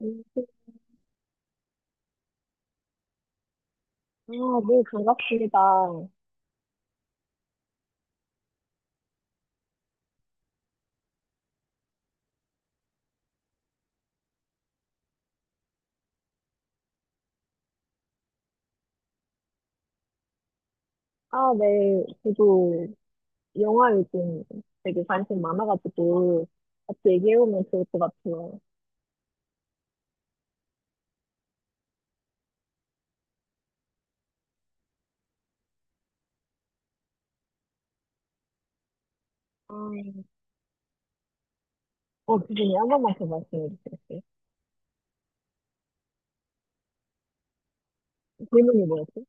음, 아, 네, 반갑습니다. 아, 네, 저도 영화 요즘 되게 관심 많아가지고 같이 얘기해보면 좋을 것 같아요. 아, 기준이 한 번만 더 말씀해 주시겠어요? 질문이 뭐였지?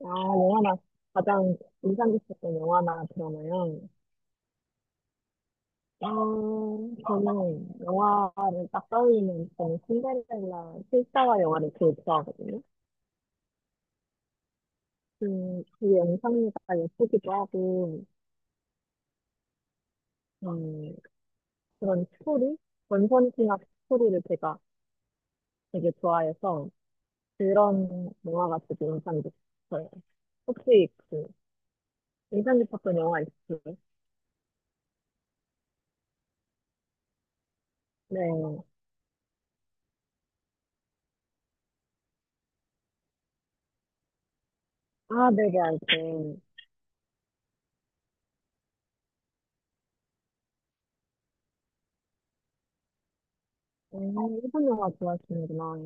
아, 영화나, 가장 인상 깊었던 영화나 드라마요? 어, 저는 영화를 딱 떠올리면 저는 신데렐라 실사화 영화를 제일 좋아하거든요. 그 영상미가 예쁘기도 하고, 음, 그런 스토리? 원펀치나 스토리를 제가 되게 좋아해서 그런 영화가 되게 인상 깊어요. 혹시 그 인상 깊었던 영화 있으세요? 네. 아, 네네, 알죠. 일본 영화 좋아하시는구나.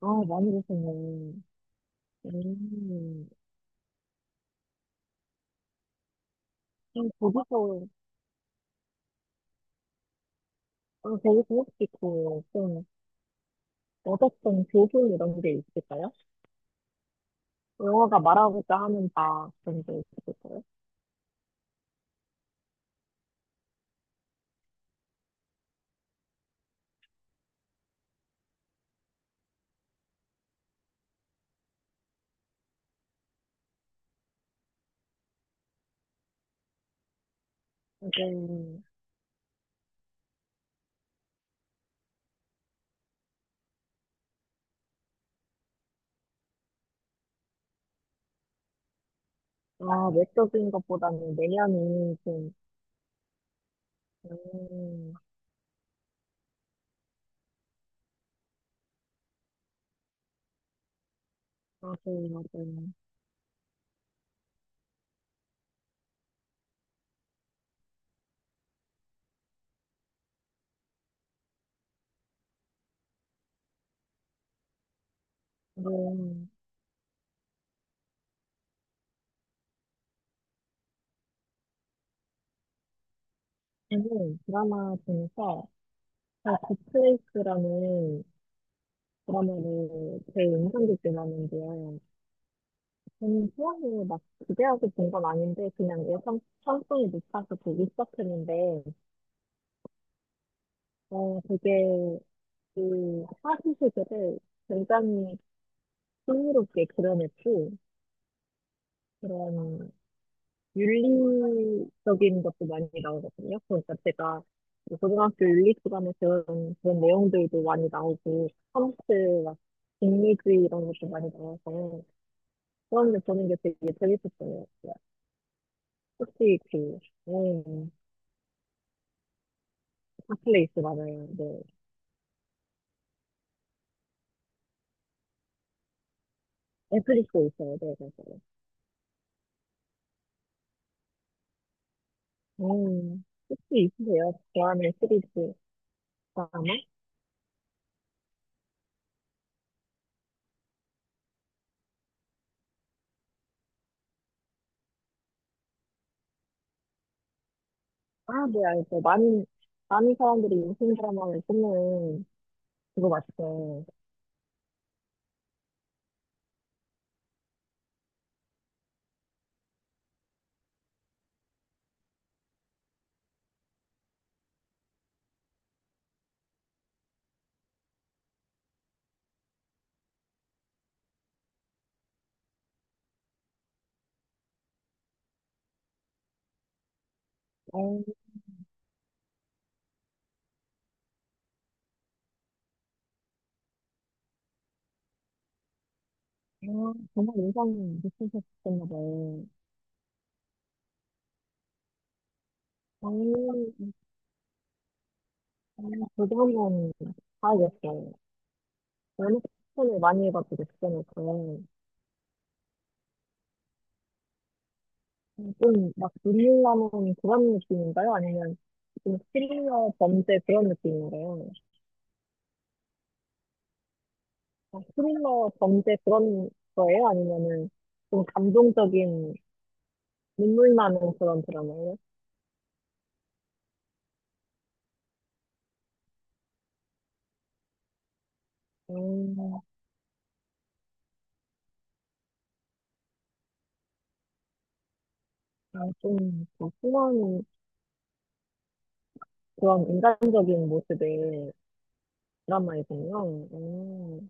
아, 많이 보시네. 음, 그럼 거기서, 아, 거기서 혹시 그, 좀, 얻었던 교훈 이런 게 있을까요? 영화가 말하고자 하는 바, 그런 게 있을까요? 네. 아, 외적인 것보다는 내면이 좀, 음, 맞아요, 맞아요. 음, 저는 드라마 중에서 더 굿플레이스라는 드라마를 제 인상깊게 봤는데요. 저는 처음에 막 기대하고 본 건 아닌데 그냥 예상 편성이 높아서 보기 시작했는데 되게 그 사실 세계를 굉장히 흥미롭게 그려냈고 그런 윤리적인 것도 많이 나오거든요. 그러니까 제가 뭐 고등학교 윤리 시간에 배운 그런 내용들도 많이 나오고, 컴퓨터, 막, 인리주의 이런 것도 많이 나와서, 그런데 저는 게 되게 재밌었어요. 그러니까 혹시 그, 음, 핫플레이스 맞아요. 네. 넷플릭스에 있어요. 네, 맞아요. 음, 혹시 있으세요? 좋아하는 시리즈 드라마? 아, 네, 알죠. 많은, 많은 사람들이 요즘 드라마를 보는 그거 맞죠? 음. 아, 정말 인상 깊으셨었나 봐요. 저는 그거는 봐야겠어요. 연애 추천을 많이 해가지고 추천했고요. 좀막 눈물 나는 그런 느낌인가요? 아니면 좀 스릴러 범죄 그런 느낌인가요? 아, 스릴러 범죄 그런 거예요? 아니면은 좀 감동적인 눈물 나는 그런 드라마예요? 음, 아, 좀그 순한 그런 인간적인 모습의 드라마이군요. 음.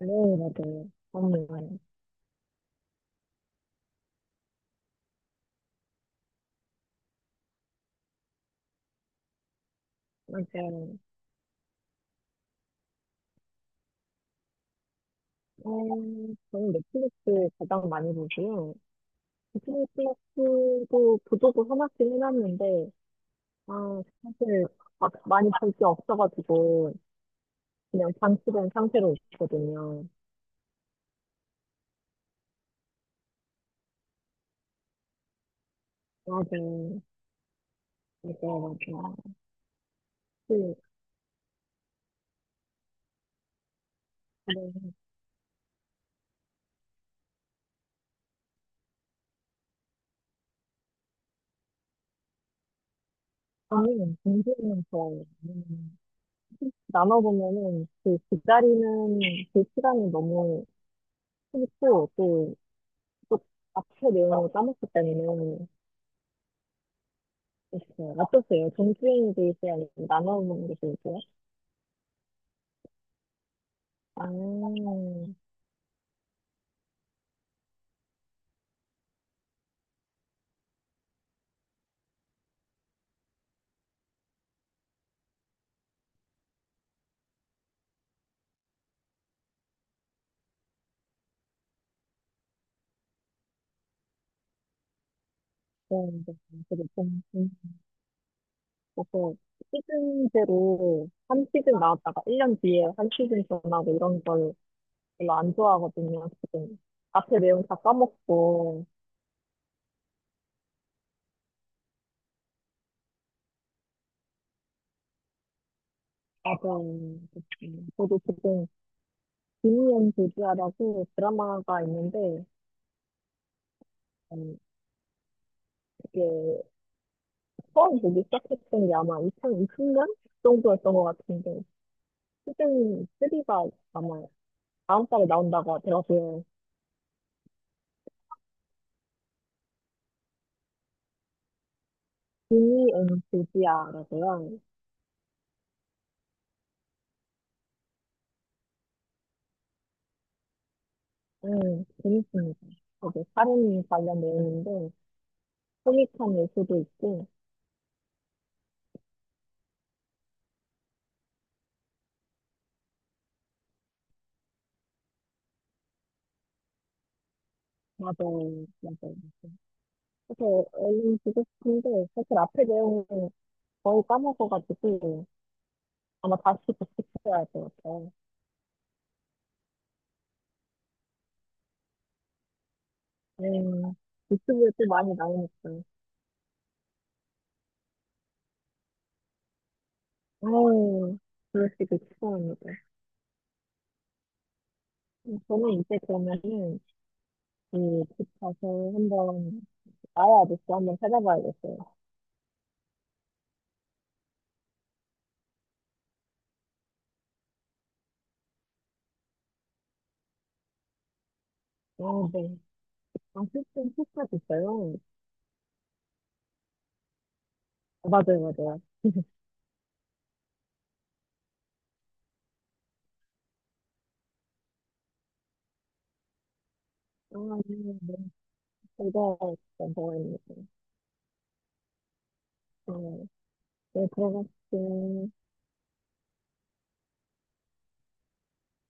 네, 맞아요. 너무 좋아요. 맞아요. 어, 저는 넷플릭스 가장 많이 보고요. 넷플릭스도 보조도 하나씩 해놨는데, 아, 사실 막 많이 볼 게 없어가지고, 그냥 방치된 상태로 있거든요. 맞아요. 맞아요, 맞아요. 그, 네. 저는 공부는 좋아요. 나눠보면은 그 기다리는 그 시간이 너무 싫고, 또, 또 앞에 내용을 까먹기 때문에 있어요. 어떠세요? 정주행 드지요아 나눠 보는 게 좋을까요? 아, 네, 네. 그리고 좀, 좀, 그서 시즌제로 한 시즌 나왔다가 1년 뒤에 한 시즌 전하고 이런 걸 별로 안 좋아하거든요, 지금. 앞에 내용 다 까먹고. 맞아요. 그 저도 지금 김희연 교주아라고 드라마가 있는데, 음, 이게 처음 보기 시작했던 게 아마 2020년 정도였던 것 같은데, 시즌 3가 아마 다음 달에 나온다고 들었어요. d n c 지야라고요. 재밌습니다. 거기 사륜 관련 내용인데, 소 m 한 요소도 있고, 맞아요, 맞아요. 그래서 얼른 보고 싶은데, 사실 앞에 내용은 거의 까먹어가지고, 아마 다시 복습해야 할 것 같아요. 음, 유튜브에 또 많이 나오니까. 아유, 그러시길 축하합니다. 저는 이제 그러면은, 그, 집 가서 한번, 아야 아저씨 한번 찾아봐야겠어요. 아, 네. 아, 피스톤 피스 있어요? 아, 맞아요, 맞아요. 아, 네, 네. 제가 일단 저어가 네, 들어갔어요.